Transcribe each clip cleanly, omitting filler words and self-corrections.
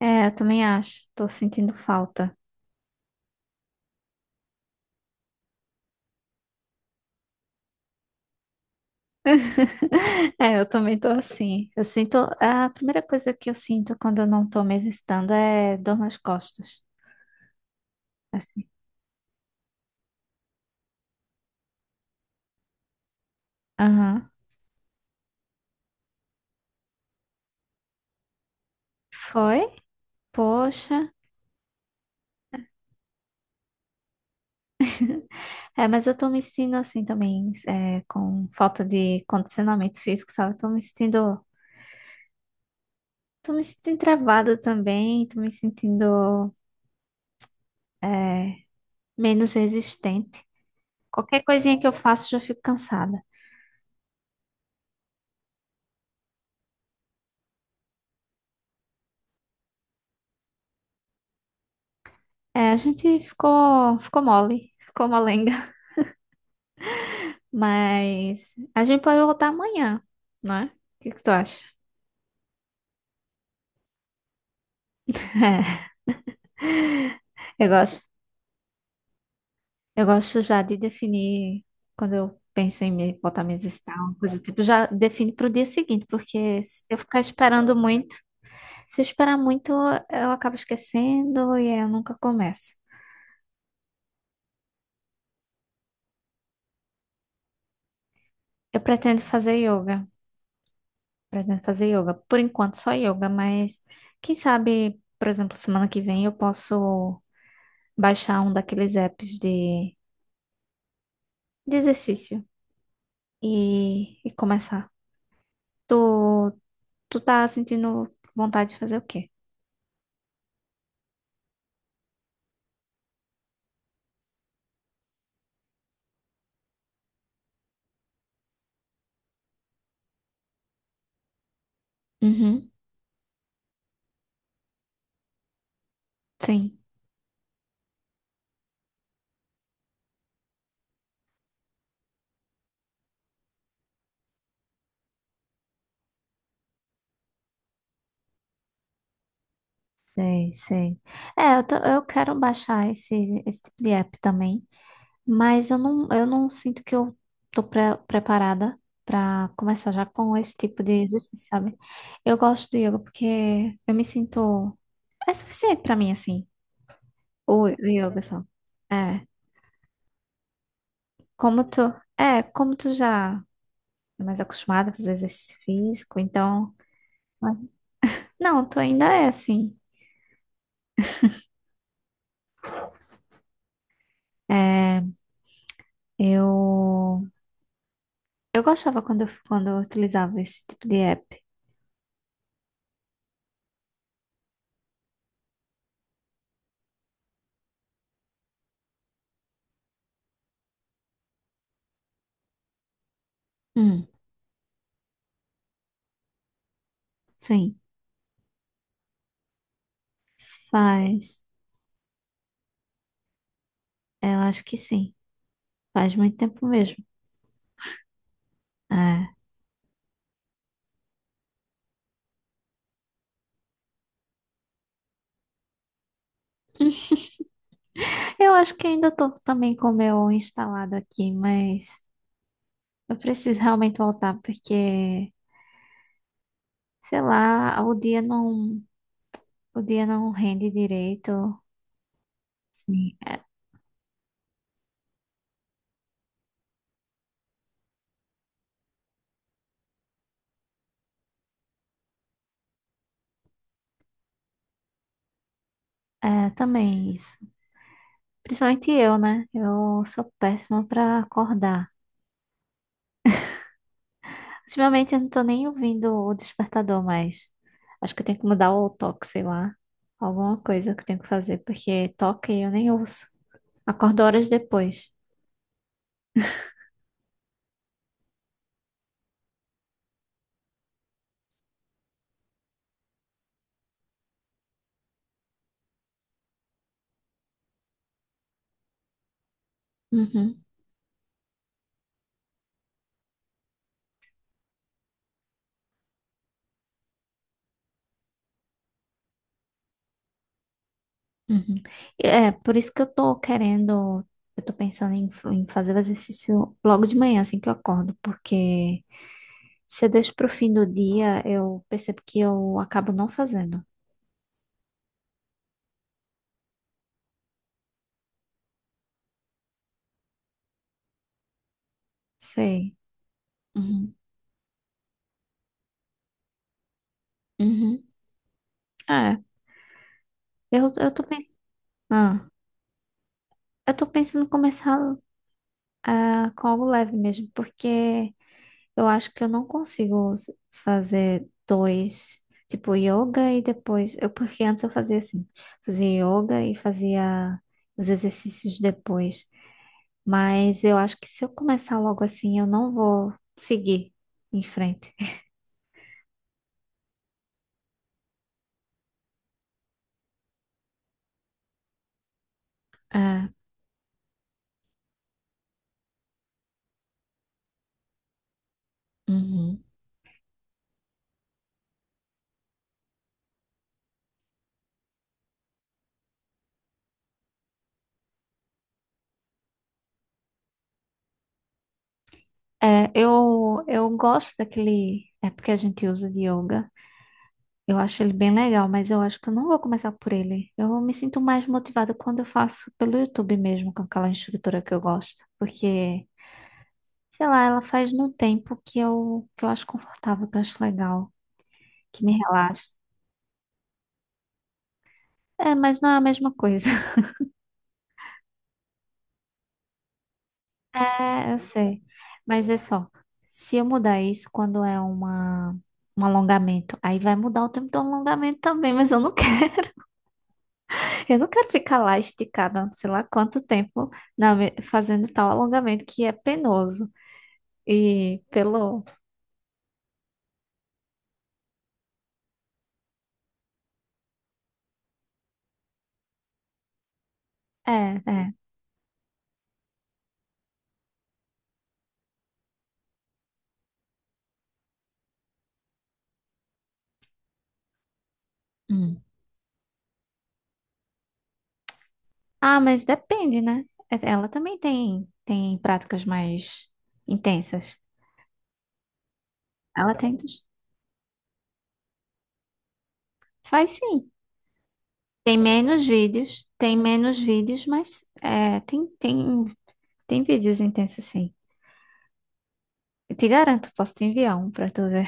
É, eu também acho. Tô sentindo falta. É, eu também tô assim. Eu sinto. A primeira coisa que eu sinto quando eu não tô me exercitando é dor nas costas. Assim. Aham. Foi? Poxa. É, mas eu tô me sentindo assim também, com falta de condicionamento físico, sabe? Eu tô me sentindo. Tô me sentindo travada também. Tô me sentindo, é, menos resistente. Qualquer coisinha que eu faço, já fico cansada. É, a gente ficou mole, ficou molenga. Mas a gente pode voltar amanhã, não é? O que que tu acha? É, eu gosto. Eu gosto já de definir, quando eu penso em me botar minhas uma coisa do tipo, já define para o dia seguinte, porque se eu ficar esperando muito, se eu esperar muito, eu acabo esquecendo e aí eu nunca começo. Eu pretendo fazer yoga, pretendo fazer yoga. Por enquanto, só yoga, mas quem sabe, por exemplo, semana que vem eu posso baixar um daqueles apps de exercício e começar. Tu, Tu tá sentindo vontade de fazer o quê? Uhum, sim. Sei, sei. É, tô- eu quero baixar esse tipo de app também, mas eu não sinto que eu tô pre- preparada pra começar já com esse tipo de exercício, sabe? Eu gosto do yoga porque eu me sinto. É suficiente pra mim, assim, o yoga só. É, como tu. É, como tu já é mais acostumada a fazer exercício físico, então. Não, tu ainda é assim. É, eu, eu gostava quando quando eu utilizava esse tipo de app. Hum, sim, faz. Eu acho que sim. Faz muito tempo mesmo. É. Eu acho que ainda tô também com o meu instalado aqui, mas eu preciso realmente voltar porque, sei lá, o dia o dia não rende direito. Sim, é, é também isso. Principalmente eu, né? Eu sou péssima pra acordar. Ultimamente eu não tô nem ouvindo o despertador mais. Acho que eu tenho que mudar o toque, sei lá. Alguma coisa que eu tenho que fazer, porque toque eu nem ouço. Acordo horas depois. Uhum, uhum. Por isso que eu tô querendo, eu tô pensando em, em fazer o exercício logo de manhã, assim que eu acordo, porque se eu deixo pro fim do dia, eu percebo que eu acabo não fazendo. Sei. Uhum. Uhum. Ah, eu tô pensando, ah, eu tô pensando em começar com algo leve mesmo, porque eu acho que eu não consigo s- fazer dois, tipo yoga e depois, eu, porque antes eu fazia assim, fazia yoga e fazia os exercícios depois, mas eu acho que se eu começar logo assim, eu não vou seguir em frente. Ah, uhum. É, eu gosto daquele, é porque a gente usa de yoga. Eu acho ele bem legal, mas eu acho que eu não vou começar por ele. Eu me sinto mais motivada quando eu faço pelo YouTube mesmo, com aquela instrutora que eu gosto. Porque, sei lá, ela faz no tempo que que eu acho confortável, que eu acho legal, que me relaxa. É, mas não é a mesma coisa. É, eu sei. Mas é só, se eu mudar isso quando é uma, um alongamento, aí vai mudar o tempo do alongamento também, mas eu não quero. Eu não quero ficar lá esticada, sei lá quanto tempo, na me- fazendo tal alongamento que é penoso. E pelo. É, é. Hum. Ah, mas depende, né? É- Ela também tem práticas mais intensas. Ela tem. Dos- Faz sim. Tem menos vídeos, mas é, tem vídeos intensos, sim. Eu te garanto, posso te enviar um pra tu ver.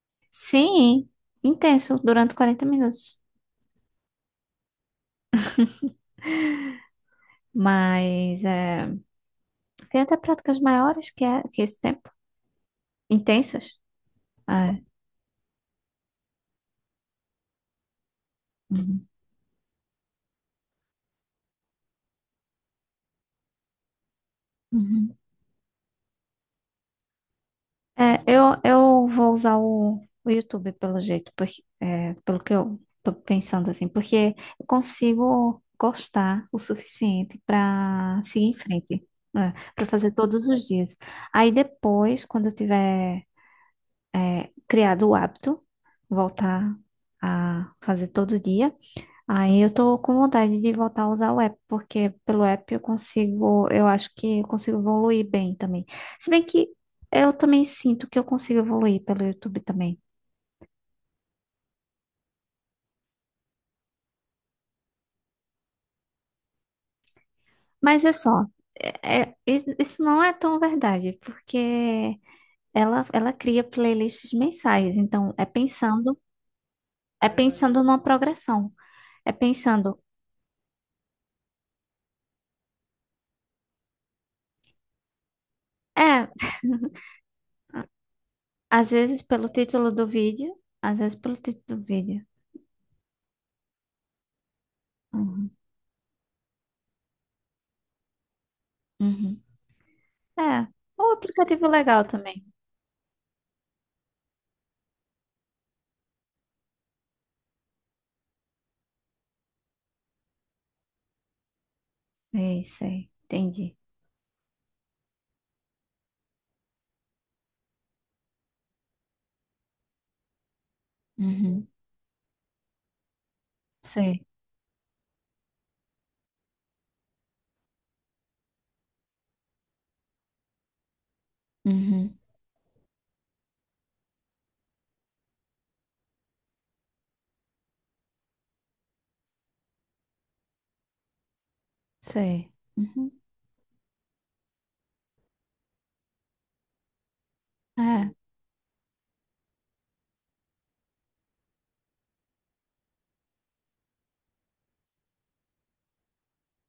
Sim, intenso, durante 40 minutos. Mas é. Tem até práticas maiores que é esse tempo. Intensas. Ah, é. Uhum. Uhum. É, eu vou usar o YouTube pelo jeito, porque, é, pelo que eu tô pensando assim, porque eu consigo gostar o suficiente para seguir em frente, né, para fazer todos os dias. Aí depois, quando eu tiver criado o hábito, voltar a fazer todo dia. Aí eu tô com vontade de voltar a usar o app, porque pelo app eu consigo, eu acho que eu consigo evoluir bem também. Se bem que eu também sinto que eu consigo evoluir pelo YouTube também. Mas é só, isso não é tão verdade, porque ela cria playlists mensais, então é pensando numa progressão. É pensando, é, às vezes pelo título do vídeo, às vezes pelo título do vídeo. Uhum, uhum. É, um aplicativo legal também. Sei, sei. Entendi. Uhum, Sei, uhum, sei. Uhum. É,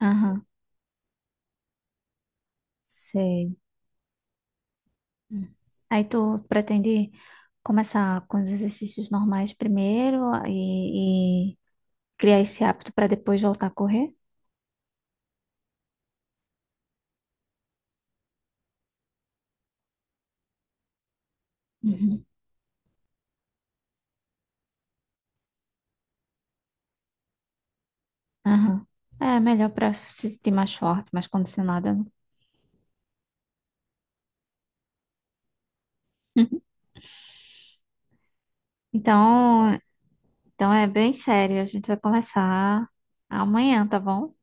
aham, sei. Uhum. Aí tu pretende começar com os exercícios normais primeiro e criar esse hábito para depois voltar a correr? Uhum. Aham. É melhor para se sentir mais forte, mais condicionada, né? Então, então é bem sério. A gente vai começar amanhã, tá bom?